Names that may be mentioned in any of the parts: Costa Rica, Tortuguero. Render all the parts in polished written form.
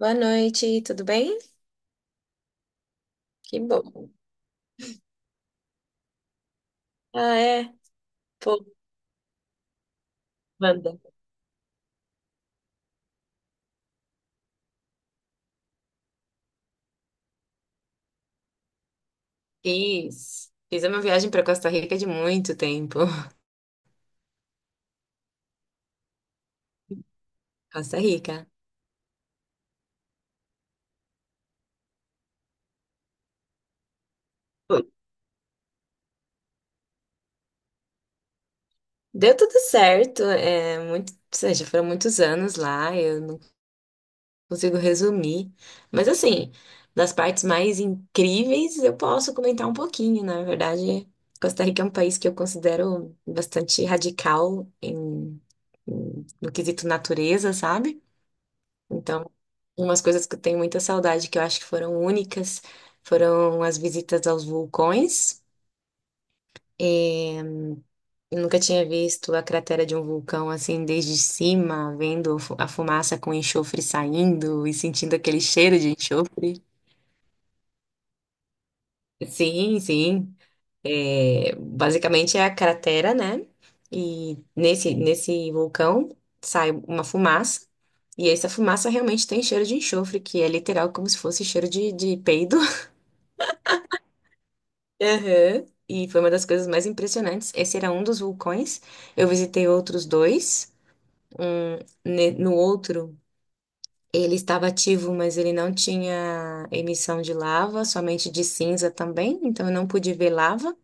Boa noite, tudo bem? Que bom. Ah, é? Pô, manda. Fiz. Fiz a minha viagem para Costa Rica de muito tempo. Costa Rica. Foi. Deu tudo certo. É muito, ou seja, foram muitos anos lá, eu não consigo resumir. Mas assim, das partes mais incríveis eu posso comentar um pouquinho. Na verdade, Costa Rica é um país que eu considero bastante radical no quesito natureza, sabe? Então, umas coisas que eu tenho muita saudade, que eu acho que foram únicas, foram as visitas aos vulcões. E eu nunca tinha visto a cratera de um vulcão assim desde cima, vendo a fumaça com enxofre saindo e sentindo aquele cheiro de enxofre. Sim, sim. É, basicamente é a cratera, né? E nesse vulcão sai uma fumaça. E essa fumaça realmente tem cheiro de enxofre, que é literal como se fosse cheiro de peido. Aham. E foi uma das coisas mais impressionantes. Esse era um dos vulcões. Eu visitei outros dois. Um, no outro, ele estava ativo, mas ele não tinha emissão de lava, somente de cinza também, então eu não pude ver lava.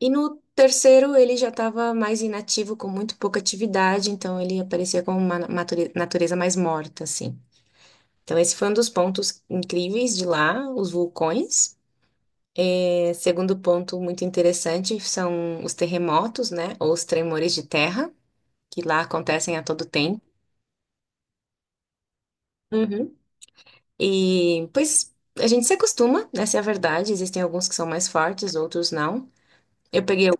E no terceiro, ele já estava mais inativo, com muito pouca atividade, então ele aparecia como uma natureza mais morta, assim. Então, esse foi um dos pontos incríveis de lá, os vulcões. Segundo ponto muito interessante são os terremotos, né? Ou os tremores de terra, que lá acontecem a todo tempo. Uhum. E, pois, a gente se acostuma, essa é a verdade. Existem alguns que são mais fortes, outros não. Eu peguei o-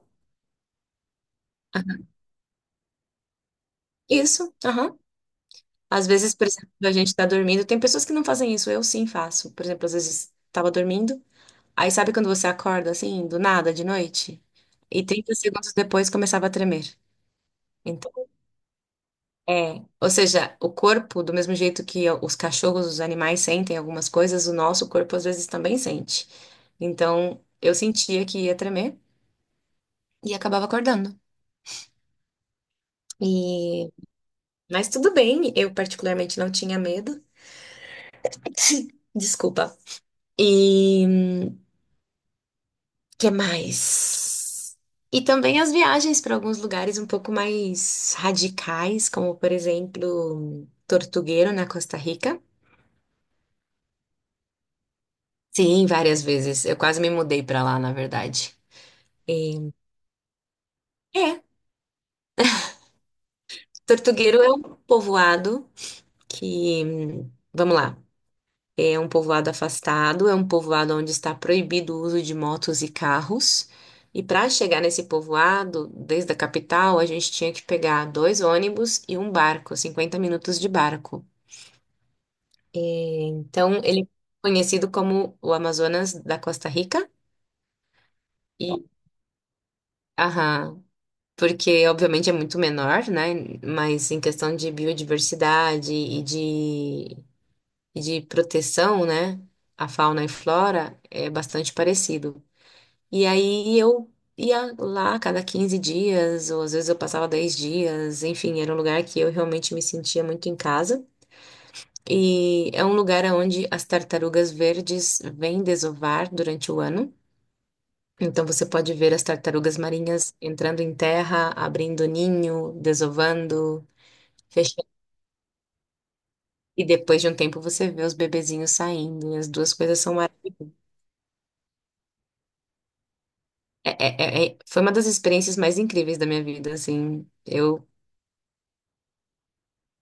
isso, aham. Às vezes, por exemplo, a gente tá dormindo. Tem pessoas que não fazem isso, eu sim faço. Por exemplo, às vezes estava dormindo. Aí sabe quando você acorda assim, do nada, de noite? E 30 segundos depois começava a tremer. Então, É, ou seja, o corpo, do mesmo jeito que os cachorros, os animais sentem algumas coisas, o nosso corpo às vezes também sente. Então, eu sentia que ia tremer e acabava acordando. E mas tudo bem, eu particularmente não tinha medo. Desculpa. E que mais? E também as viagens para alguns lugares um pouco mais radicais, como por exemplo, Tortuguero na Costa Rica. Sim, várias vezes. Eu quase me mudei para lá, na verdade. É, Tortugueiro é um povoado que, vamos lá, é um povoado afastado, é um povoado onde está proibido o uso de motos e carros. E para chegar nesse povoado, desde a capital, a gente tinha que pegar dois ônibus e um barco, 50 minutos de barco. Então, ele é conhecido como o Amazonas da Costa Rica. E, aham, porque obviamente é muito menor, né? Mas em questão de biodiversidade e de proteção, né, à fauna e flora é bastante parecido. E aí eu ia lá a cada 15 dias, ou às vezes eu passava 10 dias, enfim, era um lugar que eu realmente me sentia muito em casa. E é um lugar onde as tartarugas verdes vêm desovar durante o ano. Então você pode ver as tartarugas marinhas entrando em terra, abrindo ninho, desovando, fechando. E depois de um tempo você vê os bebezinhos saindo. E as duas coisas são é- é- foi uma das experiências mais incríveis da minha vida, assim. Eu,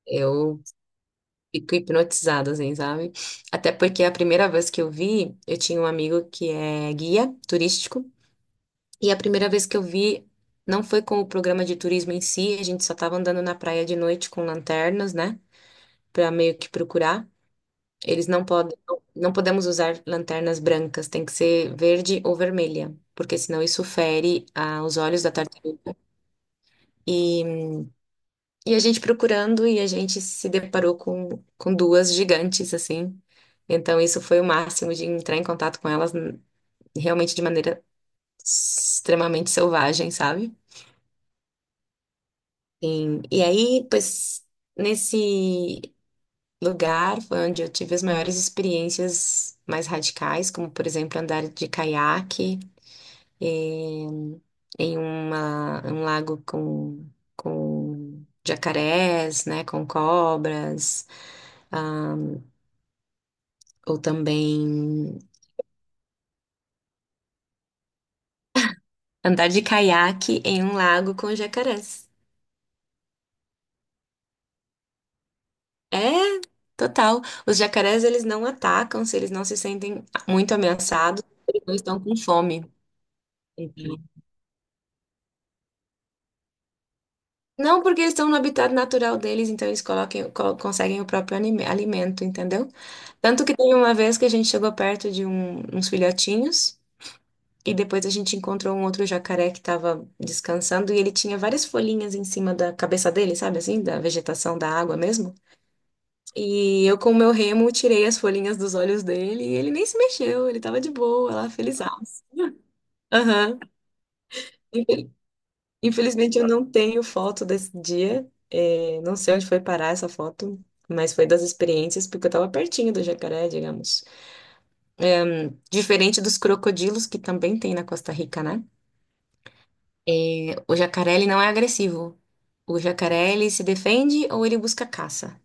eu fico hipnotizada, assim, sabe? Até porque a primeira vez que eu vi, eu tinha um amigo que é guia turístico, e a primeira vez que eu vi não foi com o programa de turismo em si, a gente só tava andando na praia de noite com lanternas, né? Pra meio que procurar. Eles não podem, não podemos usar lanternas brancas, tem que ser verde ou vermelha, porque senão isso fere, os olhos da tartaruga. E E a gente procurando e a gente se deparou com duas gigantes, assim. Então, isso foi o máximo de entrar em contato com elas realmente de maneira extremamente selvagem, sabe? E aí, pois, nesse lugar foi onde eu tive as maiores experiências mais radicais, como, por exemplo, andar de caiaque em, em um lago com jacarés, né, com cobras. ah, Ou também andar de caiaque em um lago com jacarés. É, total. Os jacarés, eles não atacam se eles não se sentem muito ameaçados, eles não estão com fome. Então, não, porque eles estão no habitat natural deles, então eles coloquem, conseguem o próprio alimento, entendeu? Tanto que teve uma vez que a gente chegou perto de uns filhotinhos e depois a gente encontrou um outro jacaré que estava descansando e ele tinha várias folhinhas em cima da cabeça dele, sabe assim, da vegetação da água mesmo. E eu, com o meu remo, tirei as folhinhas dos olhos dele e ele nem se mexeu, ele tava de boa, lá, feliz. Aham. Infel- Infelizmente eu não tenho foto desse dia. É, não sei onde foi parar essa foto, mas foi das experiências, porque eu tava pertinho do jacaré, digamos. Diferente dos crocodilos, que também tem na Costa Rica, né? O jacaré, ele não é agressivo. O jacaré, ele se defende ou ele busca caça.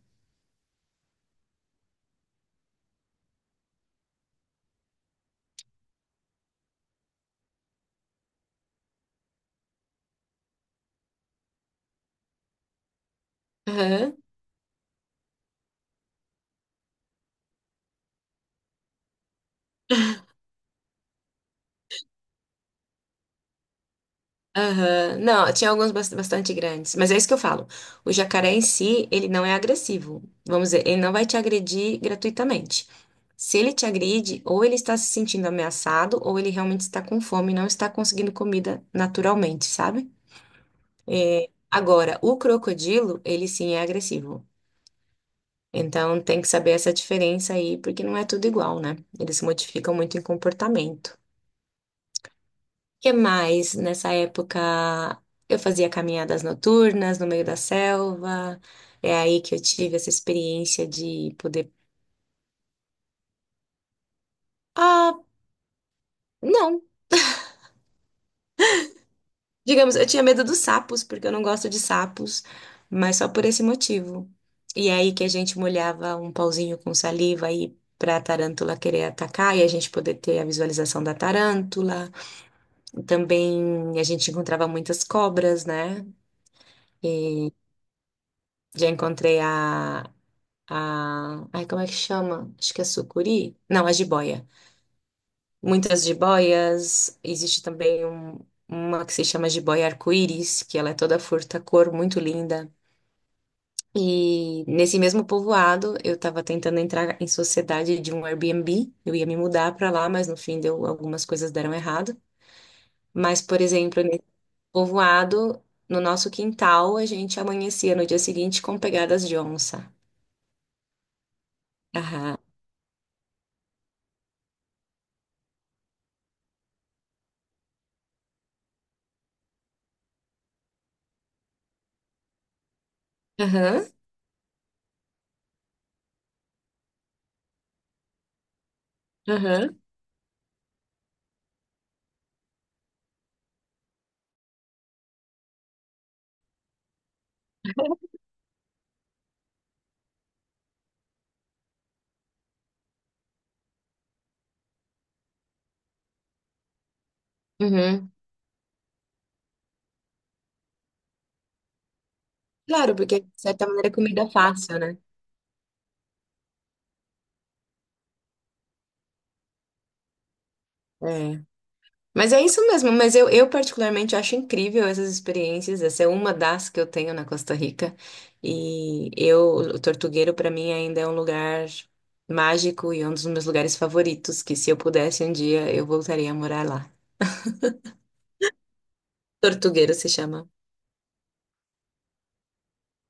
Aham. Não, tinha alguns bastante grandes, mas é isso que eu falo. O jacaré em si, ele não é agressivo. Vamos dizer, ele não vai te agredir gratuitamente. Se ele te agride, ou ele está se sentindo ameaçado, ou ele realmente está com fome e não está conseguindo comida naturalmente, sabe? É, agora, o crocodilo, ele sim é agressivo. Então tem que saber essa diferença aí, porque não é tudo igual, né? Eles se modificam muito em comportamento. Que mais? Nessa época eu fazia caminhadas noturnas no meio da selva. É aí que eu tive essa experiência de poder. Ah, não. Digamos, eu tinha medo dos sapos, porque eu não gosto de sapos, mas só por esse motivo. E é aí que a gente molhava um pauzinho com saliva aí para a tarântula querer atacar e a gente poder ter a visualização da tarântula. Também a gente encontrava muitas cobras, né? Já encontrei a. Ai, como é que chama? Acho que é sucuri? Não, a jiboia. Muitas jiboias. Existe também uma que se chama jiboia arco-íris, que ela é toda furta-cor, muito linda. E nesse mesmo povoado, eu estava tentando entrar em sociedade de um Airbnb. Eu ia me mudar para lá, mas no fim deu, algumas coisas deram errado. Mas, por exemplo, nesse povoado, no nosso quintal, a gente amanhecia no dia seguinte com pegadas de onça. Aham. Aham. Aham. Uhum. Claro, porque de certa maneira é comida é fácil, né? É. Mas é isso mesmo, mas eu particularmente acho incrível essas experiências, essa é uma das que eu tenho na Costa Rica, e eu, o Tortuguero para mim ainda é um lugar mágico e um dos meus lugares favoritos, que se eu pudesse um dia eu voltaria a morar lá. Tortuguero se chama,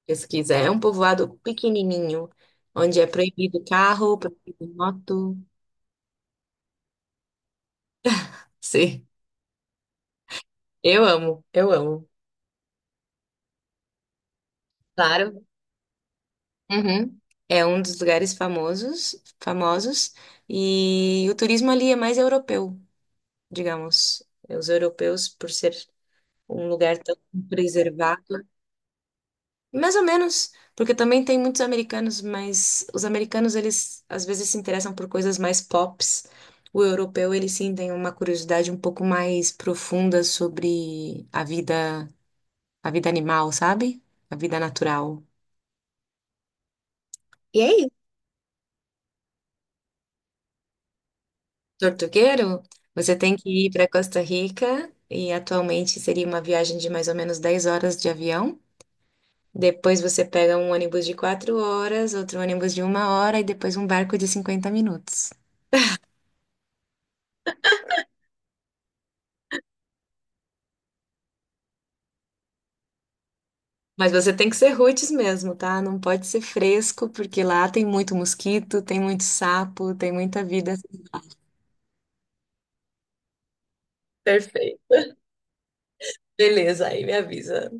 pesquisa, é um povoado pequenininho, onde é proibido carro, proibido moto, sim, eu amo, eu amo. Claro. Uhum. É um dos lugares famosos, famosos, e o turismo ali é mais europeu, digamos. Os europeus, por ser um lugar tão preservado, mais ou menos, porque também tem muitos americanos, mas os americanos, eles às vezes se interessam por coisas mais pops. O europeu, ele sim tem uma curiosidade um pouco mais profunda sobre a vida animal, sabe? A vida natural. E é Tortugueiro? Você tem que ir para Costa Rica e atualmente seria uma viagem de mais ou menos 10 horas de avião. Depois você pega um ônibus de 4 horas, outro ônibus de uma hora e depois um barco de 50 minutos. Mas você tem que ser roots mesmo, tá? Não pode ser fresco, porque lá tem muito mosquito, tem muito sapo, tem muita vida. Perfeito. Beleza, aí me avisa.